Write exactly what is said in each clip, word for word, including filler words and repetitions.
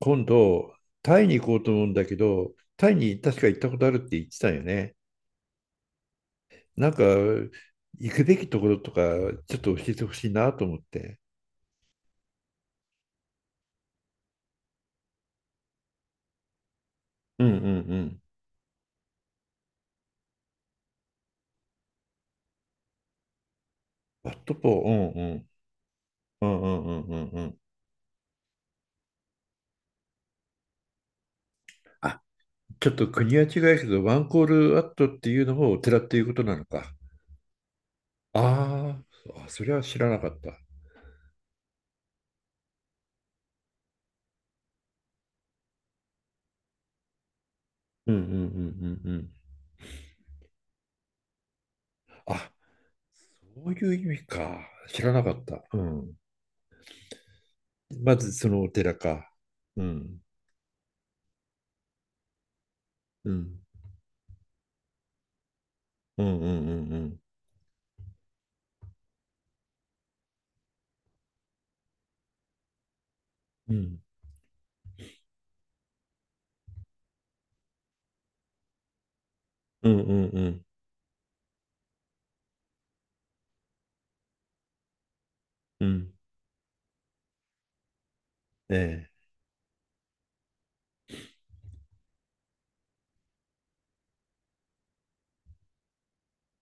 今度、タイに行こうと思うんだけど、タイに確か行ったことあるって言ってたよね。なんか、行くべきところとか、ちょっと教えてほしいなと思って。うんうんうん。ワットポー、うんうん、うんうんうんうんうん。あ、ちょっと国は違うけど、ワンコールワットっていうのもお寺っていうことなのか。あーあ、それは知らなかった。うんうんうんうんうん。あ、そういう意味か。知らなかった。うん。まずそのお寺か。うん。うん。うんうんうんうん。うんうんうんうんうんええ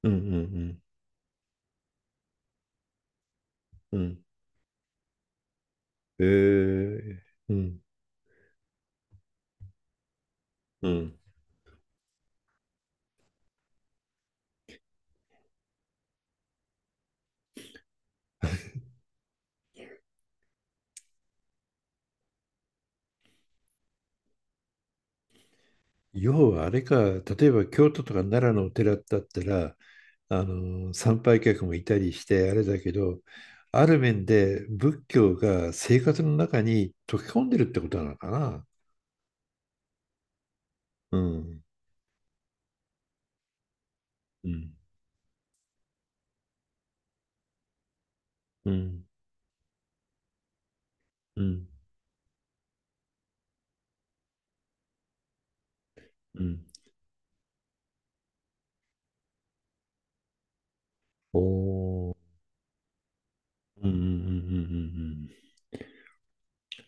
うんうんうんうんええうんうん。要はあれか、例えば京都とか奈良のお寺だったら、あの参拝客もいたりしてあれだけど、ある面で仏教が生活の中に溶け込んでるってことなのかな。うんうんうんうんうんおおうんうんうんうんうんうん。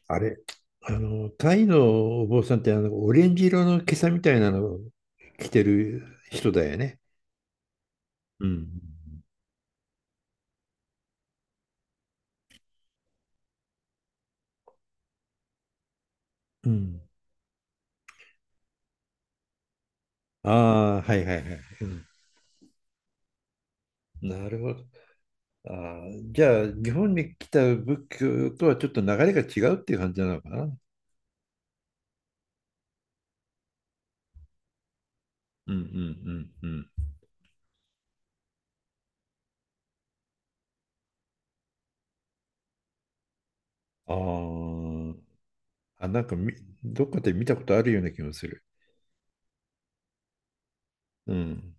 あれ、あの、タイのお坊さんってあの、オレンジ色の袈裟みたいなのを着てる人だよね。うん。うん。ああ、はいはいはい。うん、なるほど。あー、じゃあ、日本に来た仏教とはちょっと流れが違うっていう感じなのかな。うんうんうんうん。ああ、あ、なんかみ、どっかで見たことあるような気もする。うん。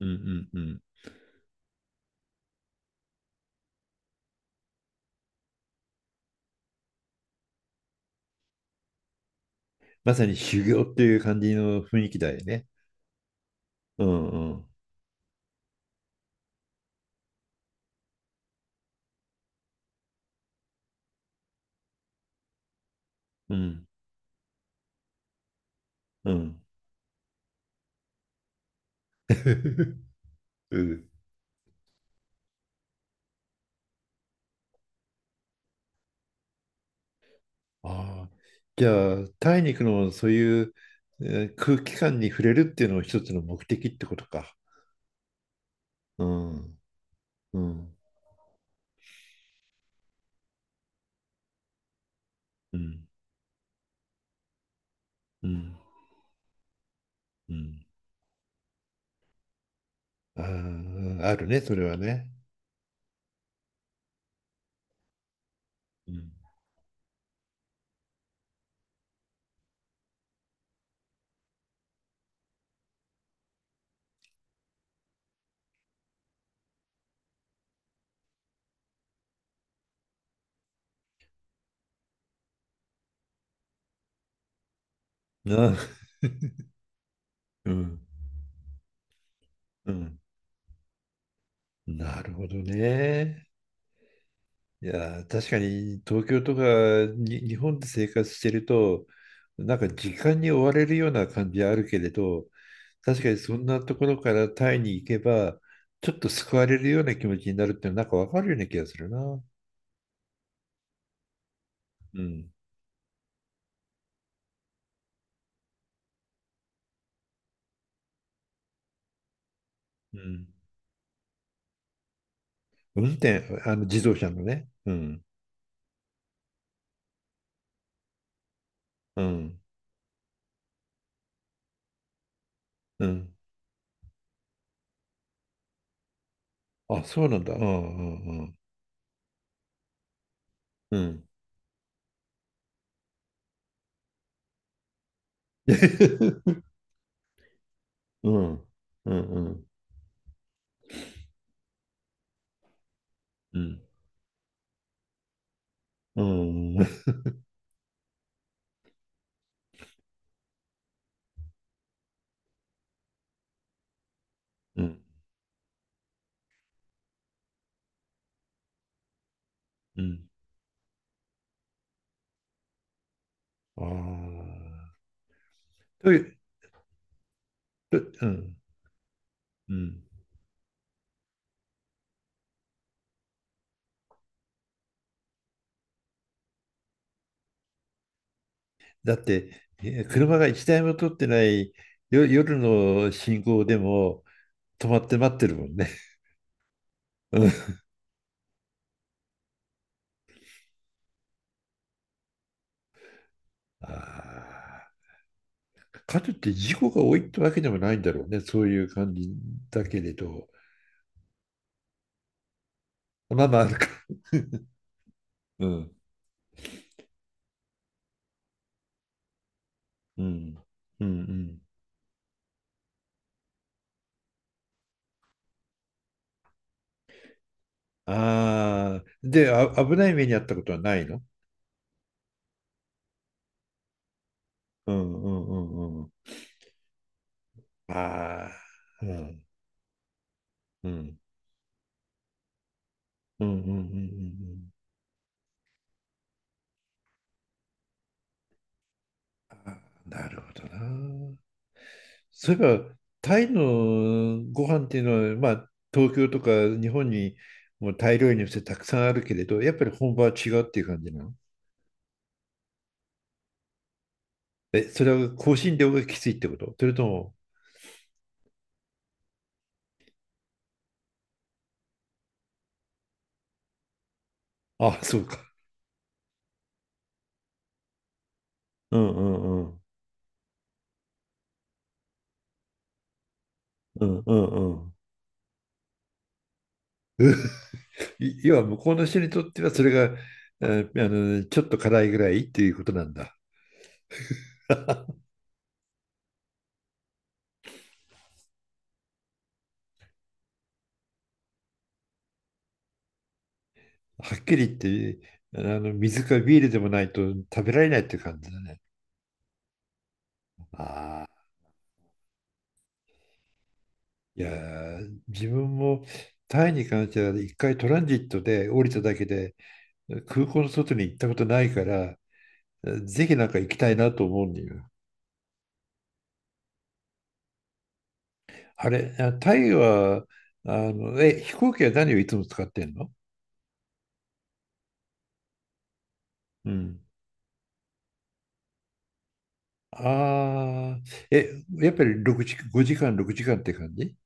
うんうんうん。まさに修行っていう感じの雰囲気だよね。うんうん。うんうん。うん。ああ、じゃあ、タイに行くのもそういう、えー空気感に触れるっていうのも一つの目的ってことか。うん、うん、うん、うん、うん。ああ、あるね、それはね。うん、な、うん、うん。なるほどね。いやー、確かに東京とかに日本で生活してると、なんか時間に追われるような感じはあるけれど、確かにそんなところからタイに行けば、ちょっと救われるような気持ちになるっていうのはなんかわかるような気がするな。うん。うん。運転、あの自動車のね。うん。うん。うん。あ、そうなんだ。うんうんうん。うん。うんうんうんうんうんうんうん、ああといううん。うん。だって、え車がいちだいも通ってないよ、夜の信号でも止まって待ってるもんね。うん、あー、かといって事故が多いってわけでもないんだろうね。そういう感じだけれど。まあまあ、あるか。うん。うん。うんうん。ああ。で、あ、危ない目に遭ったことはないの？うんうんうんうん。ああ。うん。うん。うんうんうんうんうん。あ、なるほどな。そういえば、タイのご飯っていうのは、まあ、東京とか日本にも大タイ料理店たくさんあるけれど、やっぱり本場は違うっていう感じなの？え、それは香辛料がきついってこと、それとも、あ、そうか。うんうんうん。うんうんうん。い要は向こうの人にとってはそれが、えーあの、ちょっと辛いぐらいっていうことなんだ。はっきり言って、あの、水かビールでもないと食べられないっていう感じだね。あ、いやー、自分もタイに関してはいっかいトランジットで降りただけで空港の外に行ったことないから、ぜひなんか行きたいなと思うんだよ。あれ、あ、タイはあのえ飛行機は何をいつも使ってんの？うん。ああ、え、やっぱりろくじ、ごじかん、ろくじかんって感じ？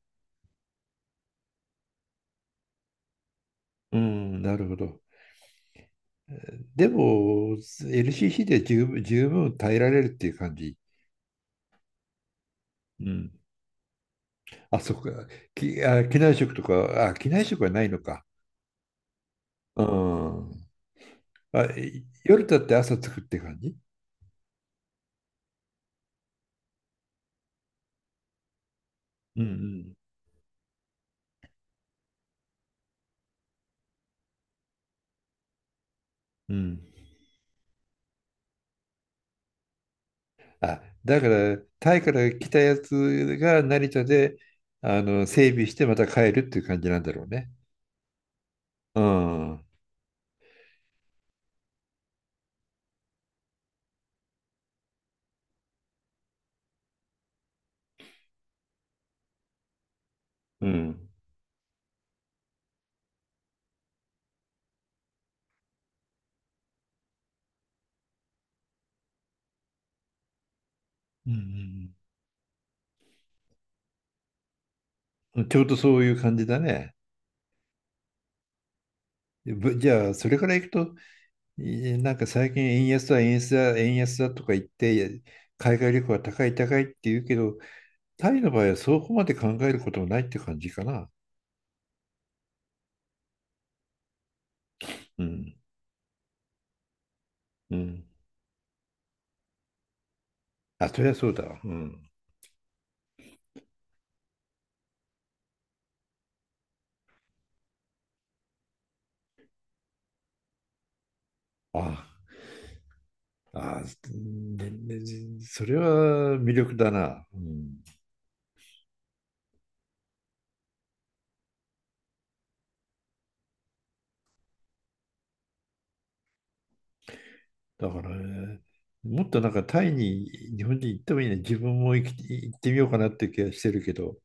うん、なるほど。でも、エルシーシー で十分、十分耐えられるっていう感じ。うん。あ、そっか。き、あ、機内食とか、あ、機内食はないのか。うん。あ、い夜だって朝作って感じ？うんうんうん。あ、だから、タイから来たやつが成田で、あの、整備してまた帰るっていう感じなんだろうね。うん。うん。うんうん、ちょうどそういう感じだね。ぶじゃあ、それから行くと、いなんか最近円安だ、円安だ、円安だとか言って、海外旅行は高い高いって言うけど、タイの場合はそこまで考えることもないって感じかな。うん。うん。あ、そりゃそうだわ。うん。ああ、ねねそれは魅力だな。うん。だから、ね、もっとなんかタイに日本人行ってもいいね。自分も行き、行ってみようかなって気がしてるけど。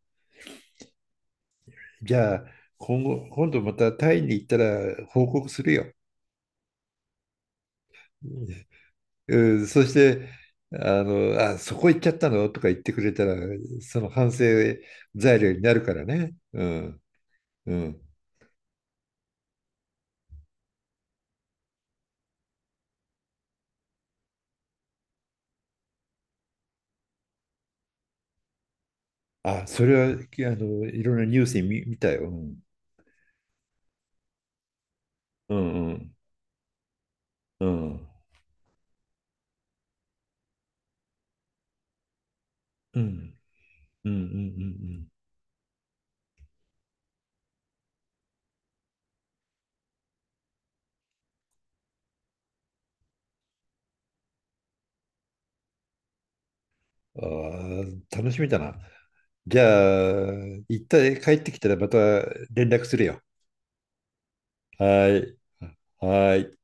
じゃあ、今後、今度またタイに行ったら報告するよ。うん、そして、あの、あ、そこ行っちゃったのとか言ってくれたら、その反省材料になるからね。うん。うん。あ、それは、あの、いろんなニュースに見、見たよ。うんうんうんうんうん。うんうんうん、ああ、楽しみだな。じゃあ、一旦帰ってきたらまた連絡するよ。はい。はい。